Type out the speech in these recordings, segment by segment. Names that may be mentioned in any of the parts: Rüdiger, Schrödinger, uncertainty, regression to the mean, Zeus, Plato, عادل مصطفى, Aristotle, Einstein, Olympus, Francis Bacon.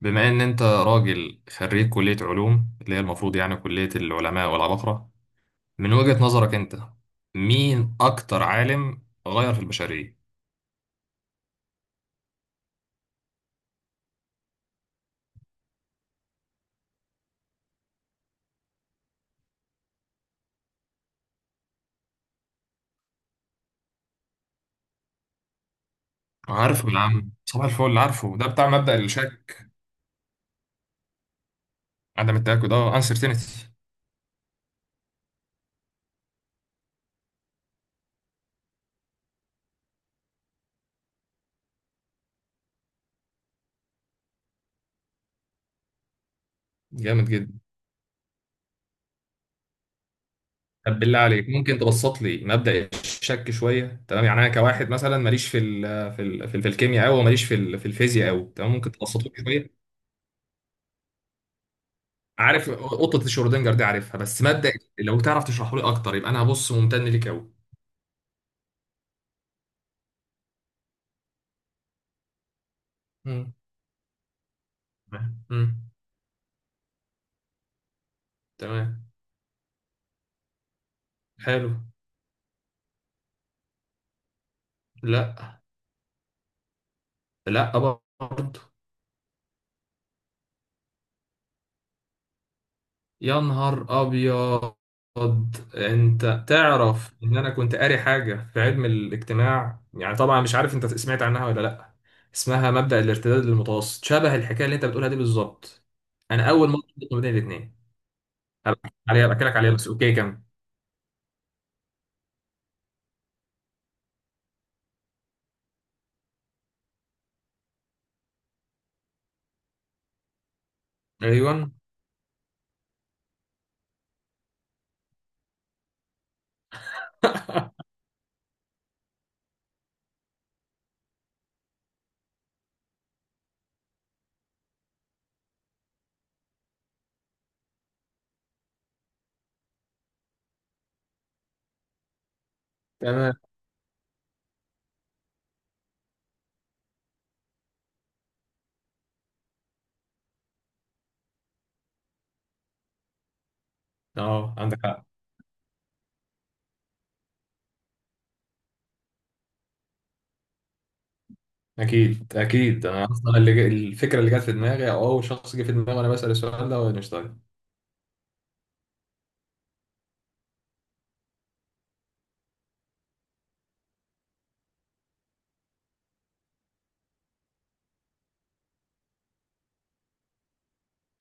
بما ان انت راجل خريج كلية علوم اللي هي المفروض يعني كلية العلماء والعباقرة، من وجهة نظرك انت، مين اكتر عالم غير في البشرية؟ عارف بالعام صباح الفل اللي عارفه ده بتاع مبدأ الشك. عدم التأكد، اه، uncertainty. جامد جدا. طب بالله عليك، ممكن تبسط لي مبدأ الشك شوية؟ تمام يعني انا كواحد مثلا ماليش في الكيمياء قوي، وماليش في الفيزياء قوي. تمام ممكن تبسطه لي شوية؟ عارف قطه شرودنجر دي؟ عارفها، بس مبدأ، لو تعرف تشرحه لي اكتر يبقى انا هبص ممتن ليك قوي. مم. امم. تمام. حلو. لا. لا. برضه. يا نهار ابيض. انت تعرف ان انا كنت قاري حاجه في علم الاجتماع، يعني طبعا مش عارف انت سمعت عنها ولا لا، اسمها مبدأ الارتداد المتوسط، شبه الحكايه اللي انت بتقولها دي بالظبط. انا اول مره شفت ما بين الاثنين. هبقى احكي لك عليها، بس اوكي كمل. ايوه. تمام. اه، عندك حق. اكيد، اكيد، انا اصلا الفكره اللي جت في دماغي، او اول شخص جه في دماغي وانا بسال السؤال ده، هو اينشتاين.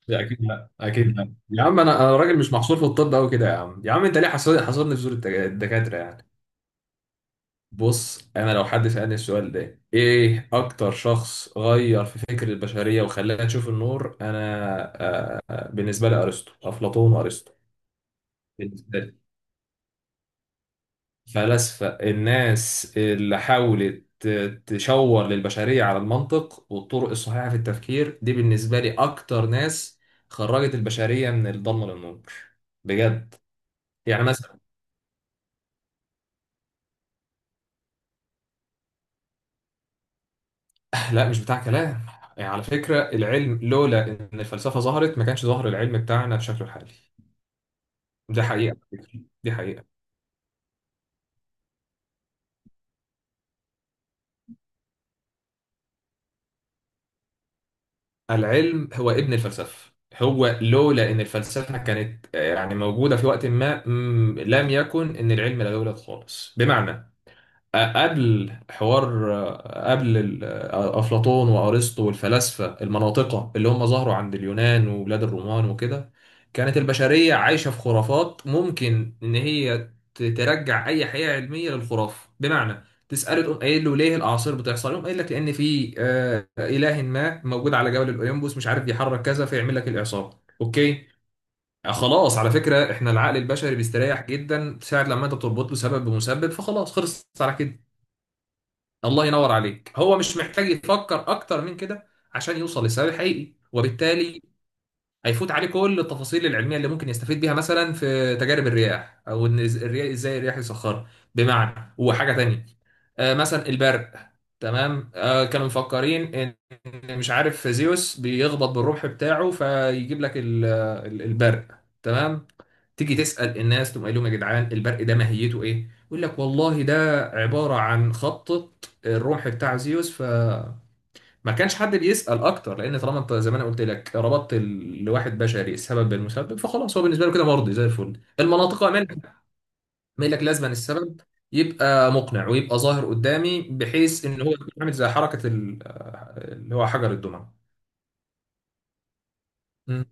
لا اكيد، لا اكيد، لا يا عم، انا راجل مش محصور في الطب قوي كده، يا عم يا عم، انت ليه حصرني في زور الدكاتره يعني؟ بص انا لو حد سالني السؤال ده، ايه اكتر شخص غير في فكر البشريه وخلاها تشوف النور، انا بالنسبه لي ارسطو، افلاطون وارسطو. بالنسبه لي. فلاسفة، الناس اللي حاولت تشور للبشرية على المنطق والطرق الصحيحة في التفكير، دي بالنسبة لي أكتر ناس خرجت البشرية من الضلمة للنور. بجد. يعني مثلا، لا مش بتاع كلام. يعني على فكرة، العلم لولا إن الفلسفة ظهرت ما كانش ظهر العلم بتاعنا بشكله الحالي. ده حقيقة. دي حقيقة. العلم هو ابن الفلسفة، هو لولا إن الفلسفة كانت يعني موجودة في وقت ما، لم يكن إن العلم لا يولد خالص، بمعنى، قبل حوار، قبل ال- أفلاطون وأرسطو والفلاسفة المناطقة اللي هم ظهروا عند اليونان وبلاد الرومان وكده، كانت البشرية عايشة في خرافات ممكن إن هي ترجع أي حقيقة علمية للخرافة. بمعنى، تسأله تقوم قايل له ليه الأعاصير بتحصل؟ يقوم قايل لك لأن في إله ما موجود على جبل الأوليمبوس مش عارف، يحرك كذا فيعمل لك الإعصار. أوكي. خلاص، على فكرة احنا العقل البشري بيستريح جدا ساعة لما انت بتربط له سبب بمسبب فخلاص، خلصت على كده. الله ينور عليك، هو مش محتاج يفكر اكتر من كده عشان يوصل للسبب الحقيقي، وبالتالي هيفوت عليه كل التفاصيل العلميه اللي ممكن يستفيد بيها، مثلا في تجارب الرياح، او ان الرياح، ازاي الرياح يسخرها، بمعنى هو حاجه تانية. مثلا البرق. تمام، كانوا مفكرين إن مش عارف زيوس بيخبط بالرمح بتاعه فيجيب لك البرق. تمام. تيجي تسأل الناس تقوم قايل لهم يا جدعان البرق ده ماهيته ايه؟ يقول لك والله ده عبارة عن خبطة الرمح بتاع زيوس. ما كانش حد بيسأل اكتر، لان طالما انت زي ما انا قلت لك ربطت لواحد بشري السبب بالمسبب فخلاص، هو بالنسبه له كده مرضي زي الفل، المناطق امان. يقول لك لازما السبب يبقى مقنع ويبقى ظاهر قدامي، بحيث ان هو يكون عامل زي حركه اللي هو حجر الدمعه. مم.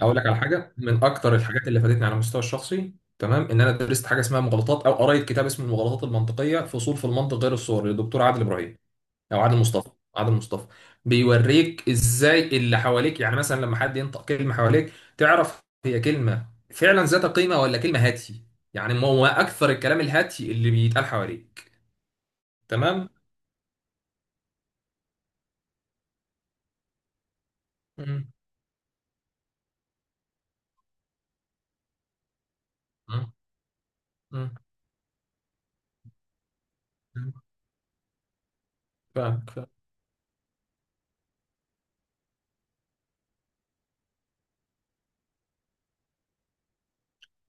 اقول لك على حاجه من اكتر الحاجات اللي فادتني على المستوى الشخصي، تمام، ان انا درست حاجه اسمها مغالطات، او قريت كتاب اسمه المغالطات المنطقيه، فصول في المنطق غير الصوري، للدكتور عادل ابراهيم، او عادل مصطفى. عادل مصطفى. بيوريك ازاي اللي حواليك، يعني مثلا لما حد ينطق كلمه حواليك تعرف هي كلمه فعلا ذات قيمه ولا كلمه هاتي، يعني ما هو اكثر الكلام الهاتي اللي بيتقال حواليك. تمام. مم. مم. مم. فاهمك فاهمك.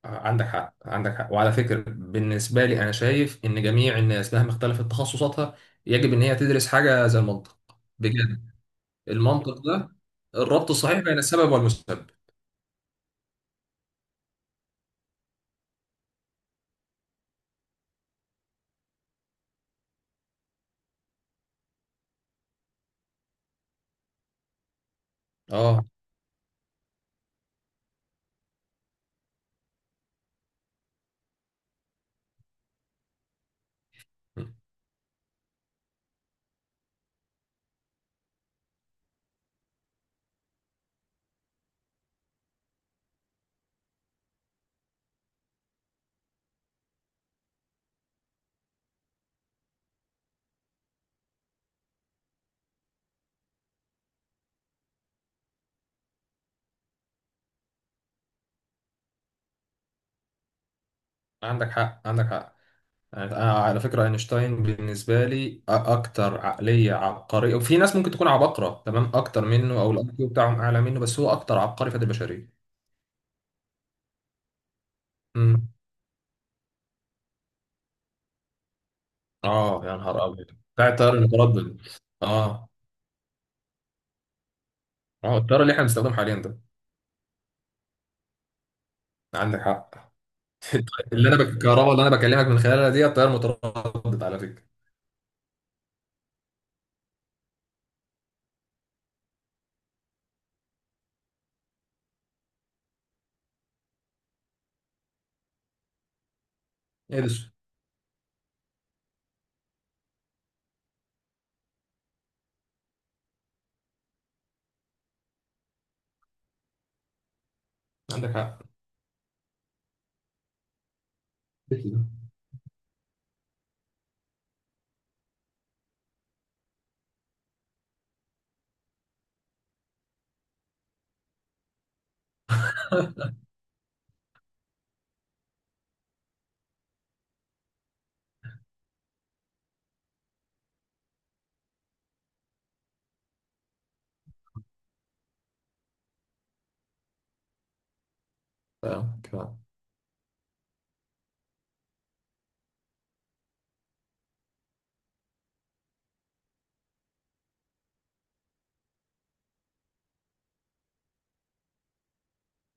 عندك حق، عندك حق، وعلى فكره بالنسبه لي انا شايف ان جميع الناس مهما اختلفت تخصصاتها يجب ان هي تدرس حاجه زي المنطق. بجد. المنطق ده الربط الصحيح بين السبب والمسبب. اه، عندك حق، عندك حق. أنا على فكرة أينشتاين بالنسبة لي أكتر عقلية عبقرية، وفي ناس ممكن تكون عباقرة تمام أكتر منه، أو الأي كيو بتاعهم أعلى منه، بس هو أكتر عبقري في البشرية. امم. آه، يا نهار أبيض. بتاع التيار المتردد. آه. آه، التيار اللي إحنا بنستخدمه حاليا ده. عندك حق. الكهرباء اللي أنا بكلمك من خلالها دي التيار المتردد، على فكرة. إيه ده؟ عندك حق. كفاية.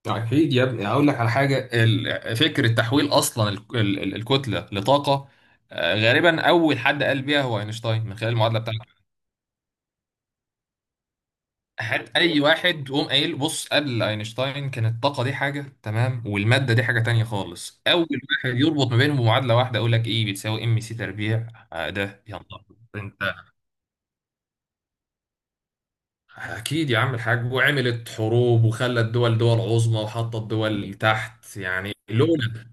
أكيد يا ابني، هقول لك على حاجة، فكرة تحويل أصلا الكتلة لطاقة، غالبا أول حد قال بيها هو أينشتاين من خلال المعادلة بتاعته. أي واحد قوم قايل بص، قبل أينشتاين كانت الطاقة دي حاجة، تمام، والمادة دي حاجة تانية خالص، أول واحد يربط ما بينهم بمعادلة واحدة، أقول لك إيه، بتساوي mc². ده يا نهار. أنت أكيد يا عم الحاج، وعملت حروب وخلت دول دول عظمى وحطت دول تحت، يعني لولا.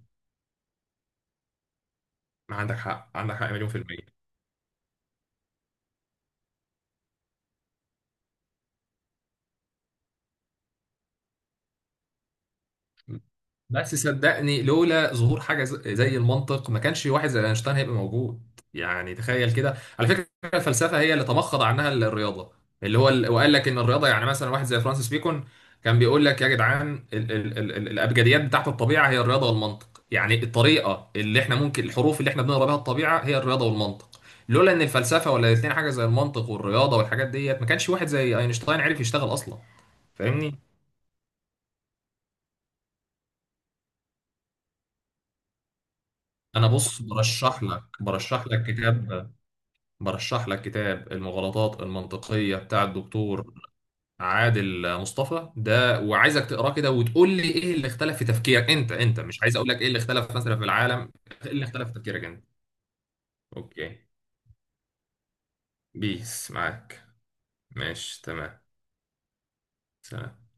ما عندك حق، عندك حق مليون في المية. بس صدقني لولا ظهور حاجه زي المنطق ما كانش واحد زي اينشتاين هيبقى موجود، يعني تخيل كده. على فكره، الفلسفه هي اللي تمخض عنها الرياضه. وقال لك ان الرياضه، يعني مثلا واحد زي فرانسيس بيكون كان بيقول لك يا جدعان ال ال ال ال الابجديات بتاعت الطبيعه هي الرياضه والمنطق، يعني الطريقه اللي احنا ممكن، الحروف اللي احنا بنقرا بها الطبيعه هي الرياضه والمنطق. لولا ان الفلسفه، ولا الاثنين حاجه زي المنطق والرياضه والحاجات ديت، ما كانش واحد زي اينشتاين عرف يشتغل اصلا. فاهمني. انا بص، برشح لك كتاب، برشح لك كتاب المغالطات المنطقية بتاع الدكتور عادل مصطفى ده، وعايزك تقراه كده وتقول لي ايه اللي اختلف في تفكيرك انت. انت مش عايز اقول لك ايه اللي اختلف مثلا في العالم. ايه اللي اختلف في تفكيرك انت؟ اوكي. بيس معاك. ماشي تمام. سلام.